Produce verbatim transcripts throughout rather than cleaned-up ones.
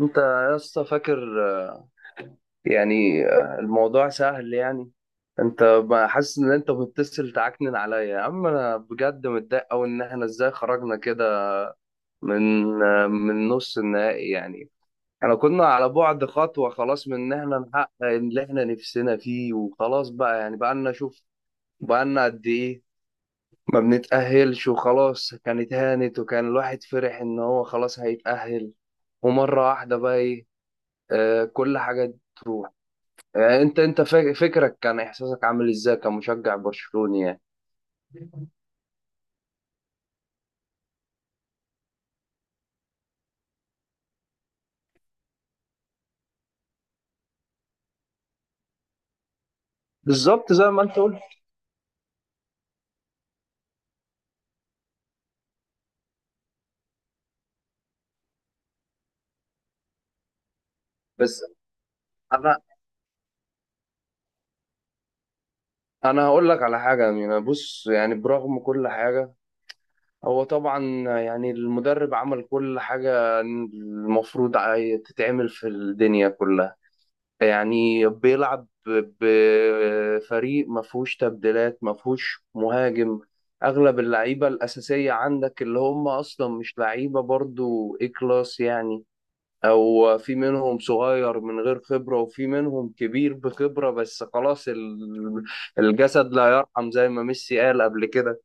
انت يا اسطى فاكر، يعني الموضوع سهل. يعني انت ما حاسس ان انت بتتصل تعكنن عليا يا عم؟ انا بجد متضايق قوي ان احنا ازاي خرجنا كده من من نص النهائي. يعني احنا كنا على بعد خطوة خلاص من ان احنا نحقق اللي احنا نفسنا فيه وخلاص، بقى يعني بقى لنا شوف، بقى لنا قد ايه ما بنتأهلش؟ وخلاص كانت هانت، وكان الواحد فرح ان هو خلاص هيتأهل، ومرة واحدة بقى ايه؟ آه، كل حاجة تروح. يعني انت انت فا- فكرك كان احساسك عامل ازاي كمشجع برشلوني يعني؟ بالظبط زي ما انت قلت. بس انا انا هقول لك على حاجه. يعني بص، يعني برغم كل حاجه، هو طبعا يعني المدرب عمل كل حاجه المفروض عاي- تتعمل في الدنيا كلها. يعني بيلعب بفريق ما فيهوش تبديلات، ما فيهوش مهاجم. اغلب اللعيبه الاساسيه عندك اللي هم اصلا مش لعيبه برضو ايه كلاس، يعني او في منهم صغير من غير خبرة، وفي منهم كبير بخبرة، بس خلاص ال- الجسد لا يرحم زي ما ميسي قال قبل كده.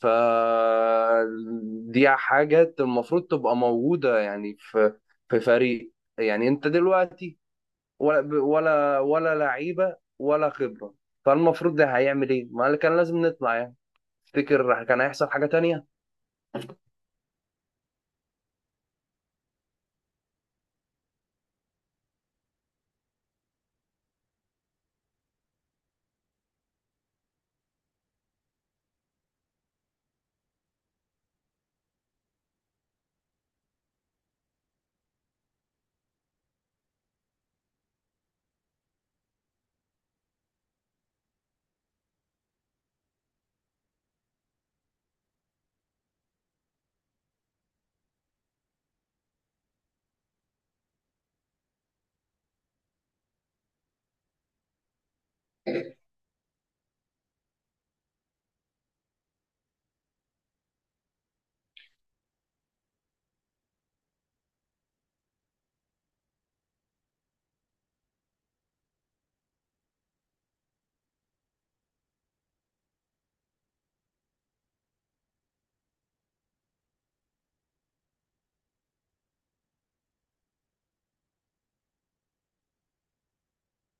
ف دي حاجات المفروض تبقى موجودة يعني في في فريق. يعني انت دلوقتي ولا ولا ولا لعيبة ولا خبرة. فالمفروض ده هيعمل ايه؟ ما كان لازم نطلع يعني. تفتكر كان هيحصل حاجة تانية؟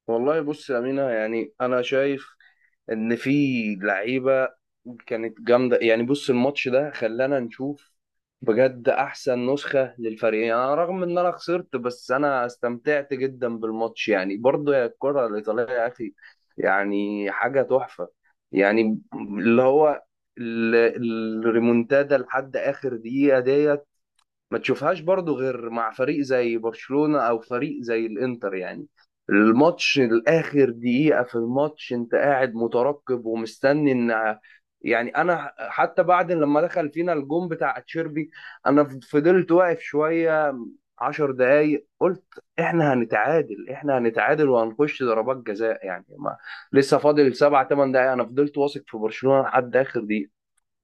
والله بص يا أمينة، يعني أنا شايف ان في لعيبه كانت جامده. يعني بص، الماتش ده خلانا نشوف بجد احسن نسخه للفريق. يعني أنا رغم ان انا خسرت، بس انا استمتعت جدا بالماتش، يعني برضه يا الكره الايطاليه يا اخي، يعني حاجه تحفه. يعني اللي هو ال- الريمونتادا لحد اخر دقيقه دي ما تشوفهاش برضو غير مع فريق زي برشلونة او فريق زي الانتر. يعني الماتش الاخر دقيقة في الماتش انت قاعد مترقب ومستني ان... يعني انا حتى بعد لما دخل فينا الجون بتاع تشيربي، انا فضلت واقف شوية عشر دقايق، قلت احنا هنتعادل، احنا هنتعادل وهنخش ضربات جزاء. يعني ما لسه فاضل سبع ثمان دقايق. انا فضلت واثق في برشلونة لحد اخر دقيقة.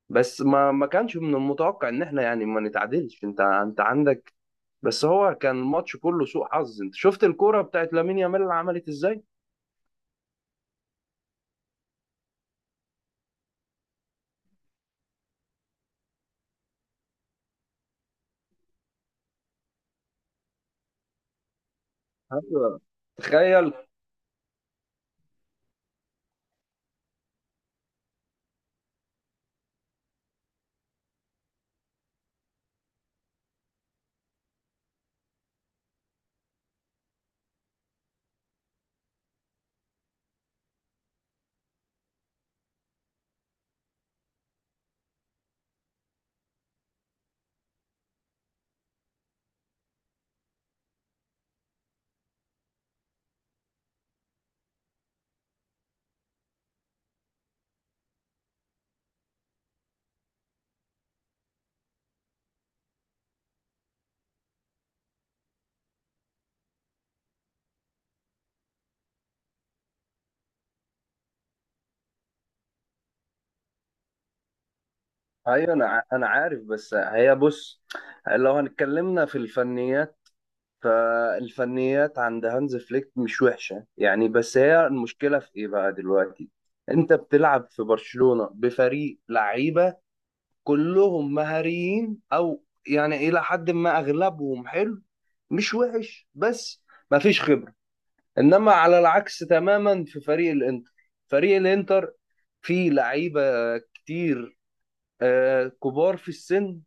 بس ما ما كانش من المتوقع ان احنا يعني ما نتعادلش. انت انت عندك، بس هو كان الماتش كله سوء حظ. انت شفت الكوره بتاعت لامين يامال اللي عملت ازاي؟ ايوه، تخيل. ايوه، انا ع- انا عارف. بس هي بص، لو هنتكلمنا في الفنيات، فالفنيات عند هانز فليك مش وحشه يعني. بس هي المشكله في ايه بقى دلوقتي؟ انت بتلعب في برشلونه بفريق لعيبه كلهم مهاريين او يعني الى حد ما اغلبهم حلو، مش وحش، بس ما فيش خبرة. انما على العكس تماما، في فريق الانتر. فريق الانتر فيه لعيبة كتير، آه، كبار في السن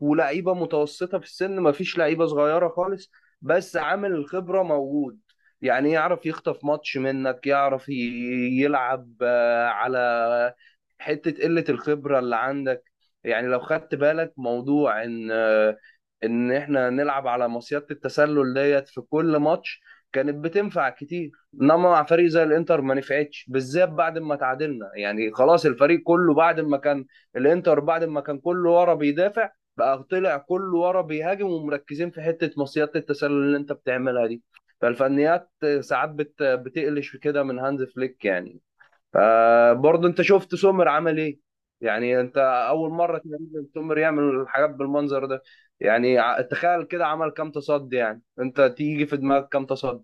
ولعيبة متوسطة في السن، ما فيش لعيبة صغيرة خالص، بس عامل الخبرة موجود. يعني يعرف يخطف ماتش منك، يعرف ي- يلعب آه، على حتة قلة الخبرة اللي عندك. يعني لو خدت بالك موضوع ان آه، ان احنا نلعب على مصيدة التسلل ديت في كل ماتش كانت بتنفع كتير. انما مع فريق زي الانتر ما نفعتش، بالذات بعد ما تعادلنا. يعني خلاص الفريق كله بعد ما كان الانتر بعد ما كان كله ورا بيدافع، بقى طلع كله ورا بيهاجم، ومركزين في حتة مصيدة التسلل اللي انت بتعملها دي. فالفنيات ساعات بت... بتقلش كده من هانز فليك يعني. برضه انت شفت سومر عمل ايه؟ يعني انت اول مره تقريبا سومر يعمل الحاجات بالمنظر ده. يعني ع- تخيل كده عمل كام تصدي! يعني انت تيجي في دماغك كام تصدي؟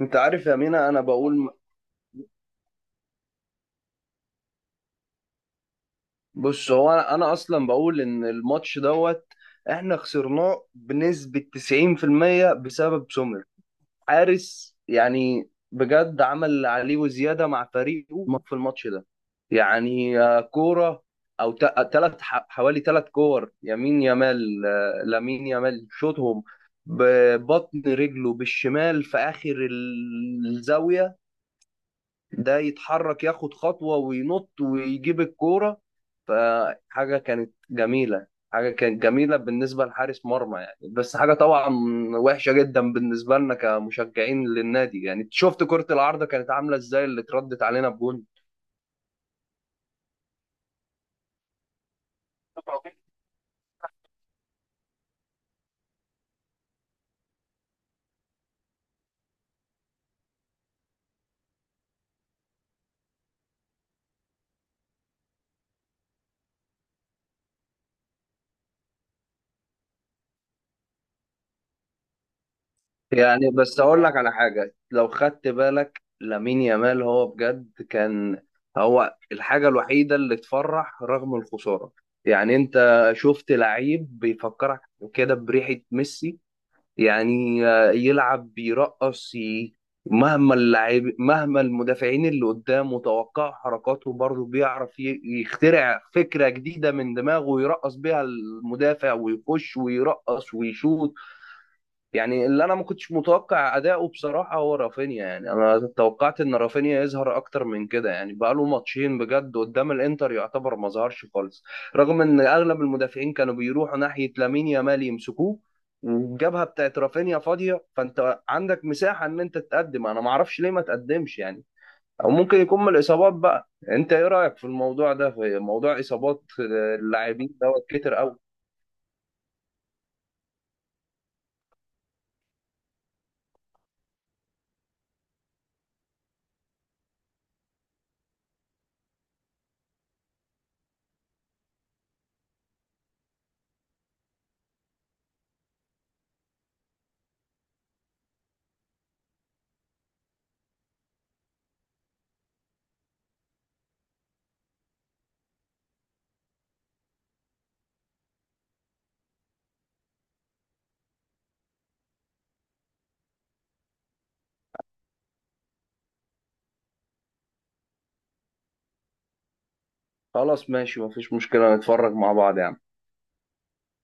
انت عارف يا مينا انا بقول، بص، هو انا انا اصلا بقول ان الماتش دوت احنا خسرناه بنسبه تسعين في المية بسبب سومر. حارس يعني بجد عمل اللي عليه وزياده مع فريقه في الماتش ده. يعني آه، كوره او ثلاث حوالي ثلاث كور يمين يمال آه، لامين يامال شوطهم ببطن رجله بالشمال في اخر الزاويه، ده يتحرك ياخد خطوة وينط ويجيب الكورة. فحاجة كانت جميلة، حاجة كانت جميلة بالنسبة لحارس مرمى يعني. بس حاجة طبعا وحشة جدا بالنسبة لنا كمشجعين للنادي. يعني شفت كرة العارضة كانت عاملة ازاي اللي اتردت علينا بجون؟ يعني بس اقول لك على حاجه، لو خدت بالك لامين يامال هو بجد كان هو الحاجه الوحيده اللي تفرح رغم الخساره. يعني انت شفت لعيب بيفكرك كده بريحه ميسي؟ يعني آه، يلعب بيرقص، ي- مهما اللاعب مهما المدافعين اللي قدامه توقعوا حركاته، برضه بيعرف ي- يخترع فكره جديده من دماغه ويرقص بيها المدافع ويخش ويرقص ويشوط. يعني اللي انا ما كنتش متوقع اداؤه بصراحه هو رافينيا. يعني انا توقعت ان رافينيا يظهر اكتر من كده. يعني بقى له ماتشين بجد قدام الانتر يعتبر ما ظهرش خالص، رغم ان اغلب المدافعين كانوا بيروحوا ناحيه لامين يامال يمسكوه، والجبهه بتاعت رافينيا فاضيه، فانت عندك مساحه ان انت تقدم. انا ما اعرفش ليه ما تقدمش يعني. او ممكن يكون من الاصابات بقى. انت ايه رايك في الموضوع ده في موضوع اصابات آه، اللاعبين دوت كتر قوي؟ خلاص ماشي، مفيش مشكله، نتفرج مع بعض يعني.